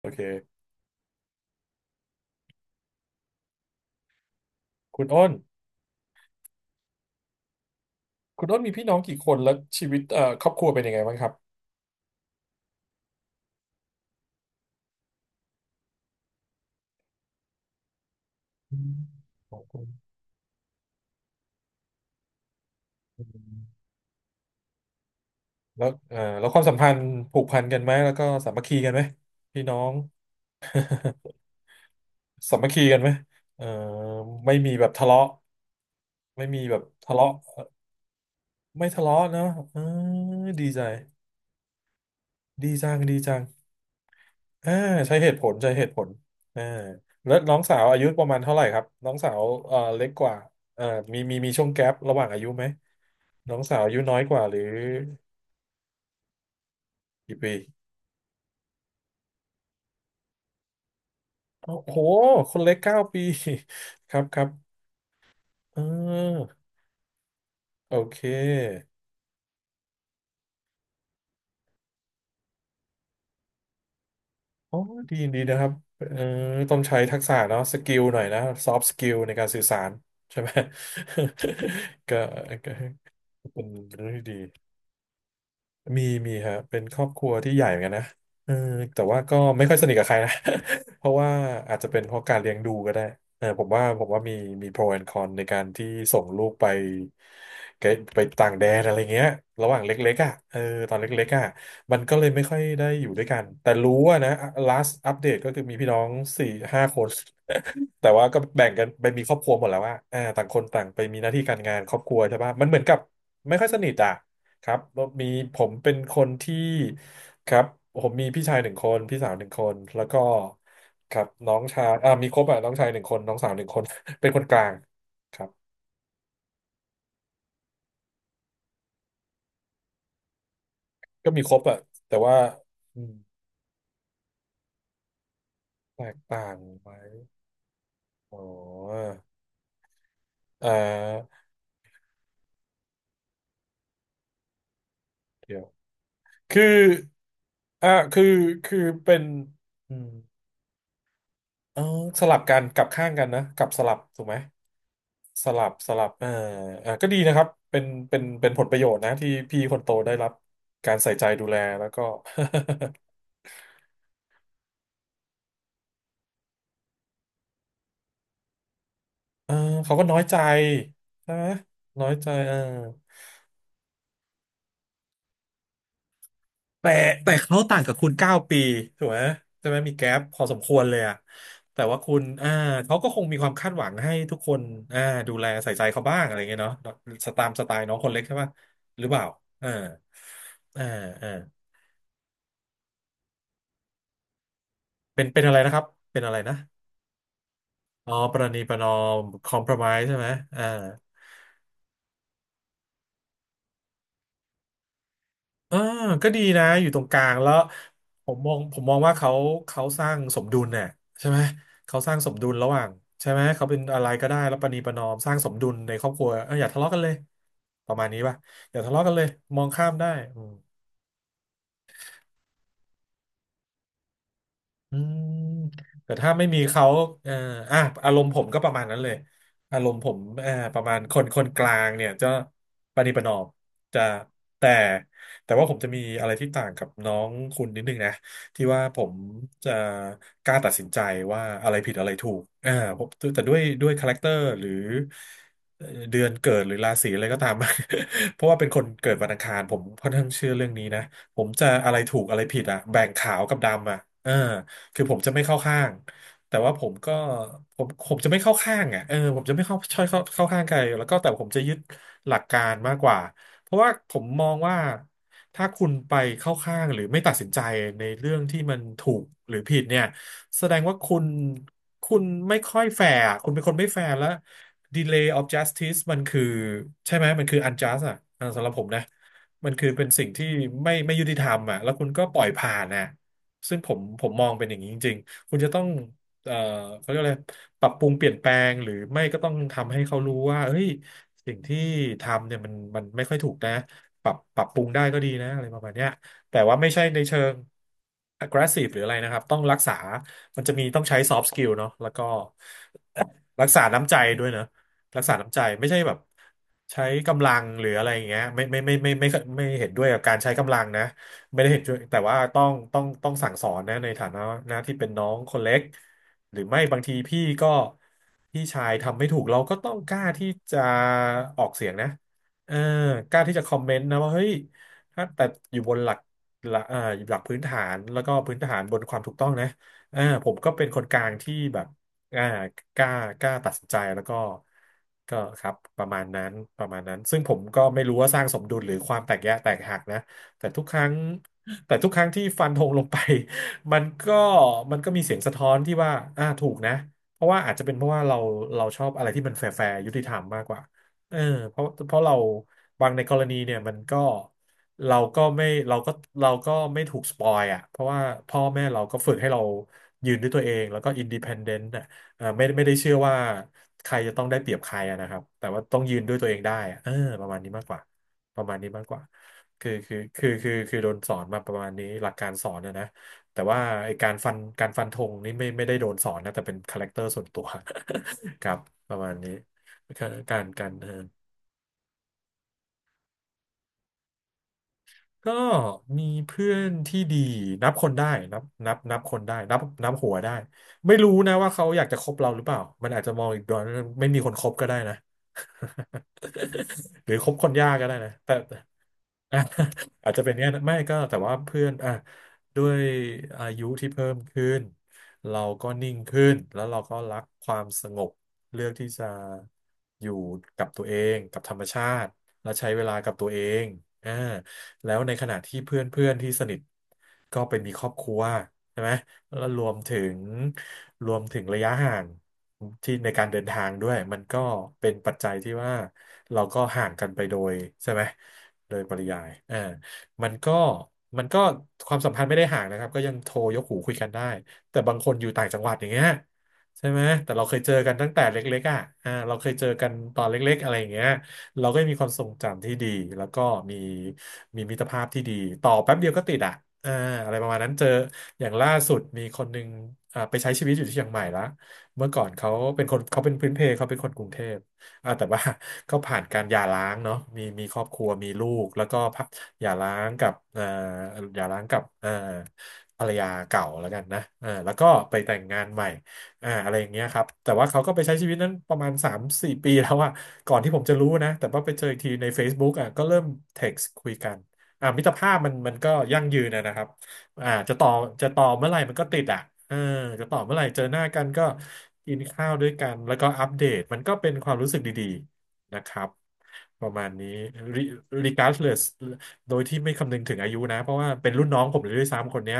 โอเค คุณอ้นคุณอ้นมีพี่น้องกี่คนแล้วชีวิตครอบครัวเป็นยังไงบ้างครับอืมของคุณอืมแล้วแล้วความสัมพันธ์ผูกพันกันไหมแล้วก็สามัคคีกันไหมพี่น้องสามัคคีกันไหมเอ่อไม่มีแบบทะเลาะไม่มีแบบทะเลาะไม่ทะเลาะเนอะเออดีใจดีจังดีจังอ่าใช้เหตุผล ใช้เหตุผลอ่าแล้วน้องสาวอายุประมาณเท่าไหร่ครับ น้องสาวเล็กกว่าเอ่อมีช่วงแกประหว่างอายุไหม น้องสาวอายุน้อยกว่าหรือกี่ปี โอ้โห คนเล็กเก้าปี ครับครับเออโอเคโอ้ดีดีนะครับเออต้องใช้ทักษะเนาะสกิลหน่อยนะซอฟต์สกิลในการสื่อสารใช่ไหม ก็ก็เป็นเรื่องที่ดี มีมีฮะเป็นครอบครัวที่ใหญ่เหมือนกันนะเออแต่ว่าก็ไม่ค่อยสนิทกับใครนะ เพราะว่าอาจจะเป็นเพราะการเลี้ยงดูก็ได้เออผมว่ามีมี pro and con ในการที่ส่งลูกไปไปต่างแดนอะไรเงี้ยระหว่างเล็กๆอ่ะเออตอนเล็กๆอ่ะมันก็เลยไม่ค่อยได้อยู่ด้วยกันแต่รู้ว่านะ last update ก็คือมีพี่น้องสี่ห้าคน แต่ว่าก็แบ่งกันไปมีครอบครัวหมดแล้วว่าอ่าต่างคนต่างไปมีหน้าที่การงานครอบครัวใช่ปะมันเหมือนกับไม่ค่อยสนิทอ่ะครับมีผมเป็นคนที่ครับผมมีพี่ชายหนึ่งคนพี่สาวหนึ่งคนแล้วก็ครับน้องชายมีครบอ่ะน้องชายหนึ่งคนน้องสาวหนึ่งคน เป็นคนกลางครับก็มีครบอ่ะแต่ว่าอืมแตกต่างไหมอ๋ออ่าเดี๋ยวคืออ่าคือคือเป็นอืม เออสลับกันกลับข้างกันนะกลับสลับถูกไหมสลับสลับเออเออก็ดีนะครับเป็นผลประโยชน์นะที่พี่คนโตได้รับการใส่ใจดูแลแล้วก็ เออเขาก็น้อยใจใช่ไหมน้อยใจเออแต่แต่เขาต่างกับคุณเก้าปีถูกไหมใช่ไหมมีแก๊ปพอสมควรเลยอะแต่ว่าคุณอ่าเขาก็คงมีความคาดหวังให้ทุกคนอ่าดูแลใส่ใจเขาบ้างอะไรเงี้ยเนาะสตามสไตล์น้องคนเล็กใช่ปะหรือเปล่าเอาอ่าอ่า เป็นอะไรนะครับเป็นอะไรนะอ๋อประนีประนอมคอม p r o m ไ s e ใช่ไหมอ่าอ่าก็ดีนะอยู่ตรงกลางแล้วผมมองว่าเขาเขาสร้างสมดุลเนี่ยใช่ไหมเขาสร้างสมดุลระหว่างใช่ไหมเขาเป็นอะไรก็ได้แล้วประนีประนอมสร้างสมดุลในครอบครัวเอออย่าทะเลาะกันเลยประมาณนี้ป่ะอย่าทะเลาะกันเลยมองข้ามได้ อืมแต่ถ้าไม่มีเขาเอ่ออ่ะอารมณ์ผมก็ประมาณนั้นเลย อารมณ์ผมประมาณคนกลางเนี่ยจะประนีประนอมจะแต่แต่ว่าผมจะมีอะไรที่ต่างกับน้องคุณนิดนึงนะที่ว่าผมจะกล้าตัดสินใจว่าอะไรผิดอะไรถูกอ่าผมแต่ด้วยคาแรคเตอร์หรือเดือนเกิดหรือราศีอะไรก็ตาม เพราะว่าเป็นคนเกิดวันอังคารผมค่อนข้างเชื่อเรื่องนี้นะผมจะอะไรถูกอะไรผิดอะแบ่งขาวกับดำอะเออ คือผมจะไม่เข้าข้างแต่ว่าผมก็ผมจะไม่เข้าข้างอ่ะเออผมจะไม่เข้าช่อยเข้าข้างใครแล้วก็แต่ผมจะยึดหลักการมากกว่าเพราะว่าผมมองว่าถ้าคุณไปเข้าข้างหรือไม่ตัดสินใจในเรื่องที่มันถูกหรือผิดเนี่ยแสดงว่าคุณไม่ค่อยแฟร์อะคุณเป็นคนไม่แฟร์แล้ว delay of justice มันคือใช่ไหมมันคือ unjust อ่ะเออสำหรับผมนะมันคือเป็นสิ่งที่ไม่ยุติธรรมอ่ะแล้วคุณก็ปล่อยผ่านอ่ะ ซึ่งผมมองเป็นอย่างนี้จริงๆ คุณจะต้องเอ่อเขาเรียกอะไรปรับปรุงเปลี่ยนแปลงหรือไม่ก็ต้องทำให้เขารู้ว่าเฮ้ยสิ่งที่ทำเนี่ยมันไม่ค่อยถูกนะปรับปรับปรุงได้ก็ดีนะอะไรประมาณเนี้ยแต่ว่าไม่ใช่ในเชิง aggressive หรืออะไรนะครับ ต้องรักษา มันจะมีต้องใช้ soft skill เนาะแล้วก็ รักษาน้ำใจด้วยเนอะรักษาน้ำใจไม่ใช่แบบใช้กำลังหรืออะไรอย่างเงี้ยไม่เห็นด้วยกับการใช้กำลังนะไม่ได้เห็นด้วยแต่ว่าต้องสั่งสอนนะในฐานะนะที่เป็นน้องคนเล็กหรือไม่บางทีพี่ก็พี่ชายทำไม่ถูกเราก็ต้องกล้าที่จะออกเสียงนะเออกล้าที่จะคอมเมนต์นะว่าเฮ้ยถ้าแต่อยู่บนหลักหลักหลักพื้นฐานแล้วก็พื้นฐานบนความถูกต้องนะเอ่ผมก็เป็นคนกลางที่แบบ อ่ากล้ากล้าตัดสินใจแล้วก็ก็ครับประมาณนั้นประมาณนั้นซึ่งผมก็ไม่รู้ว่าสร้างสมดุลหรือความแตกแยกแตกหักนะแต่ทุกครั้งแต่ทุกครั้งที่ฟันธงลงไป มันก็มันก็มีเสียงสะท้อนที่ว่าอ่าถูกนะเพราะว่าอาจจะเป็นเพราะว่าเราเราชอบอะไรที่มันแฟร์แฟร์ยุติธรรมมากกว่าเออเพราะเราบางในกรณีเนี่ยมันก็เราก็ไม่เราก็เราก็ไม่ถูกสปอยอ่ะเพราะว่าพ่อแม่เราก็ฝึกให้เรายืนด้วยตัวเองแล้วก็อินดิเพนเดนต์ ไม่ได้เชื่อว่าใครจะต้องได้เปรียบใครอะนะครับแต่ว่าต้องยืนด้วยตัวเองได้อะเออประมาณนี้มากกว่าประมาณนี้มากกว่าคือโดนสอนมาประมาณนี้หลักการสอนนะนะแต่ว่าไอ้การฟันการฟันธงนี่ไม่ได้โดนสอนนะแต่เป็นคาแรคเตอร์ส่วนตัว ครับประมาณนี้การการก็มีเพื่อนที่ดีนับคนได้นับคนได้นับหัวได้ไม่รู้นะว่าเขาอยากจะคบเราหรือเปล่ามันอาจจะมองอีกด้านไม่มีคนคบก็ได้นะ หรือคบคนยากก็ได้นะแต่ อ่ะ อาจจะเป็นเนี้ยนะไม่ก็แต่ว่าเพื่อนอ่ะด้วยอายุที่เพิ่มขึ้นเราก็นิ่งขึ้นแล้วเราก็รักความสงบเลือกที่จะอยู่กับตัวเองกับธรรมชาติและใช้เวลากับตัวเองอ่าแล้วในขณะที่เพื่อนเพื่อนที่สนิทก็ไปมีครอบครัวใช่ไหม แล้วรวมถึงรวมถึงระยะห่างที่ในการเดินทางด้วยมันก็เป็นปัจจัยที่ว่าเราก็ห่างกันไปโดยใช่ไหมโดยปริยายอ่ามันก็มันก็ความสัมพันธ์ไม่ได้ห่างนะครับก็ยังโทรยกหูคุยกันได้แต่บางคนอยู่ต่างจังหวัดอย่างเงี้ยใช่ไหมแต่เราเคยเจอกันตั้งแต่เล็กๆอ่ะอ่าเราเคยเจอกันตอนเล็กๆอะไรอย่างเงี้ยเราก็มีความทรงจำที่ดีแล้วก็มีมิตรภาพที่ดีต่อแป๊บเดียวก็ติดอ่ะอ่าอะไรประมาณนั้นเจอ อย่างล่าสุดมีคนหนึ่งอ่าไปใช้ชีวิตอยู่ที่เชียงใหม่ละเมื่อก่อนเขาเป็นคนเขาเป็นพื้นเพเขาเป็นคนกรุงเทพอ่าแต่ว่า กาผ่านการหย่าร้างเนาะมีครอบครัวมีลูกแล้วก็พ่าหย่าร้างกับหย่าร้างกับภรรยาเก่าแล้วกันนะเอ่าแล้วก็ไปแต่งงานใหม่อ่าอะไรอย่างเงี้ยครับแต่ว่าเขาก็ไปใช้ชีวิตนั้นประมาณ3-4 ปีแล้วอะก่อนที่ผมจะรู้นะแต่ว่าไปเจออีกทีใน Facebook อ่ะก็เริ่มเท็กซ์คุยกันอ่ามิตรภาพมันก็ยั่งยืนนะนะครับ อ่าจะต่อจะต่อเมื่อไหร่มันก็ติดอ่ะเออจะต่อเมื่อไหร่เจอหน้ากันก็กินข้าวด้วยกันแล้วก็อัปเดตมันก็เป็นความรู้สึกดีๆนะครับประมาณนี้ re- regardless โดยที่ไม่คำนึงถึงอายุนะเพราะว่าเป็นรุ่นน้องผมเลยด้วยซ้ำคนเนี้ย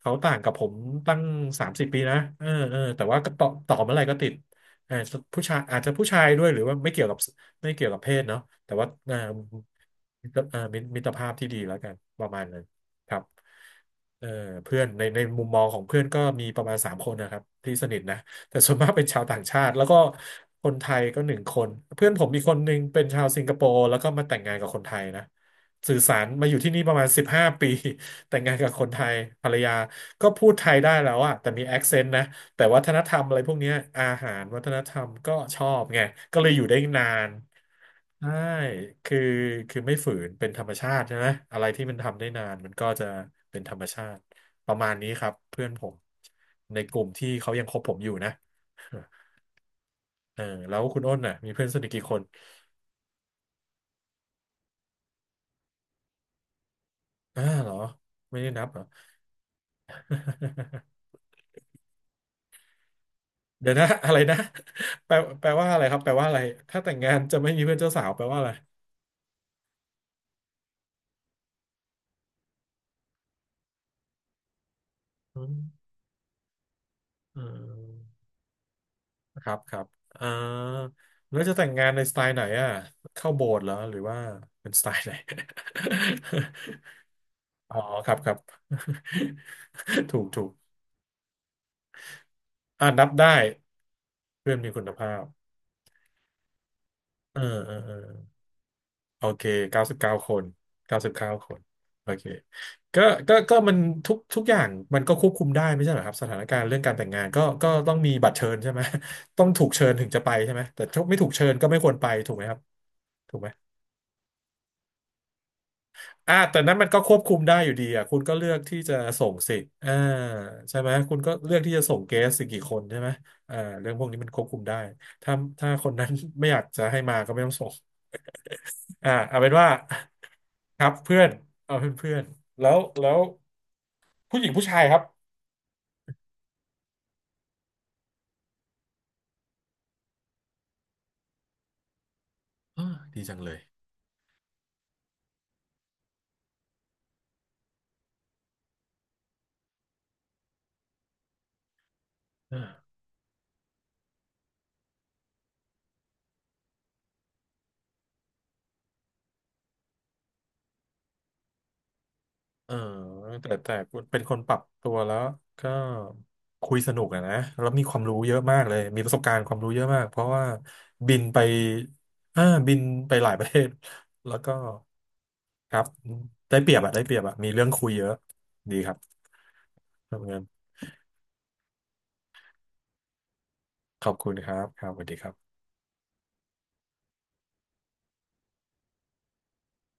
เขาต่างกับผมตั้ง30 ปีนะเออเออแต่ว่าก็ต่อต่อเมื่อไหร่ก็ติดเออผู้ชายอาจจะผู้ชายด้วยหรือว่าไม่เกี่ยวกับไม่เกี่ยวกับเพศเนาะแต่ว่าเออมิตรมิตรภาพที่ดีแล้วกันประมาณนั้นครับ เออเพื่อนในมุมมองของเพื่อนก็มีประมาณ3 คนนะครับที่สนิทนะแต่ส่วนมากเป็นชาวต่างชาติแล้วก็คนไทยก็1 คนเพื่อนผมมีคนหนึ่งเป็นชาวสิงคโปร์แล้วก็มาแต่งงานกับคนไทยนะสื่อสารมาอยู่ที่นี่ประมาณ15 ปี แต่งงานกับคนไทยภรรยาก็พูดไทยได้แล้วอะแต่มีแอคเซนต์นะ แต่วัฒนธรรมอะไรพวกเนี้ยอาหารวัฒนธรรมก็ชอบไงก็เลยอยู่ได้นานใช่คือคือไม่ฝืนเป็นธรรมชาติใช่ไหมอะไรที่มันทำได้นานมันก็จะเป็นธรรมชาติประมาณนี้ครับเพื่อนผมในกลุ่มที่เขายังคบผมอยู่นะ เออแล้วคุณอ้นน่ะมีเพื่อนสนิทกี่คนอ่าเหรอไม่ได้นับเหรอ เดี๋ยวนะอะไรนะแปลแปลว่าอะไรครับแปลว่าอะไรถ้าแต่งงานจะไม่มีเพื่อนเจ้าสาวแปลว่าอะไรอืมอืม ครับครับอ่าแล้วจะแต่งงานในสไตล์ไหนอ่ะเข้าโบสถ์เหรอหรือว่าเป็นสไตล์ไหน อ๋อครับครับ ถูกถูกอ่านับได้เพื่อนมีคุณภาพเออเออเออโอเคเก้าสิบเก้าคนเก้าสิบเก้าคนโอเคก็ก็ก็มันทุกอย่างมันก็ควบคุมได้ไม่ใช่เหรอครับสถานการณ์เรื่องการแต่งงานก็ก็ต้องมีบัตรเชิญใช่ไหม ต้องถูกเชิญถึงจะไปใช่ไหมแต่ถ้าไม่ถูกเชิญก็ไม่ควรไปถูกไหมครับถูกไหม อ่าแต่นั้นมันก็ควบคุมได้อยู่ดีอ่ะคุณก็เลือกที่จะส่งสิอ่าใช่ไหมคุณก็เลือกที่จะส่งเกสสิกี่คนใช่ไหมอ่าเรื่องพวกนี้มันควบคุมได้ถ้าคนนั้น ไม่อยากจะให้มาก็ไม่ต้องส่งอ่าเอาเป็นว่า ครับเพื่อนเอาเพื่อนเพื่อนแล้วผู้หญิงผู้ชายครับอาดีจังเลยอ่า เออแต่แต่เป็นคนปรับตัวแล้วก็คุยสนุกอะนะแล้วมีความรู้เยอะมากเลยมีประสบการณ์ความรู้เยอะมากเพราะว่าบินไปอ่าบินไปหลายประเทศแล้วก็ครับได้เปรียบอะได้เปรียบอะมีเรื่องคุยเยอะดีครับขอบคุณขอบคุณครับครับสวัสดีครับ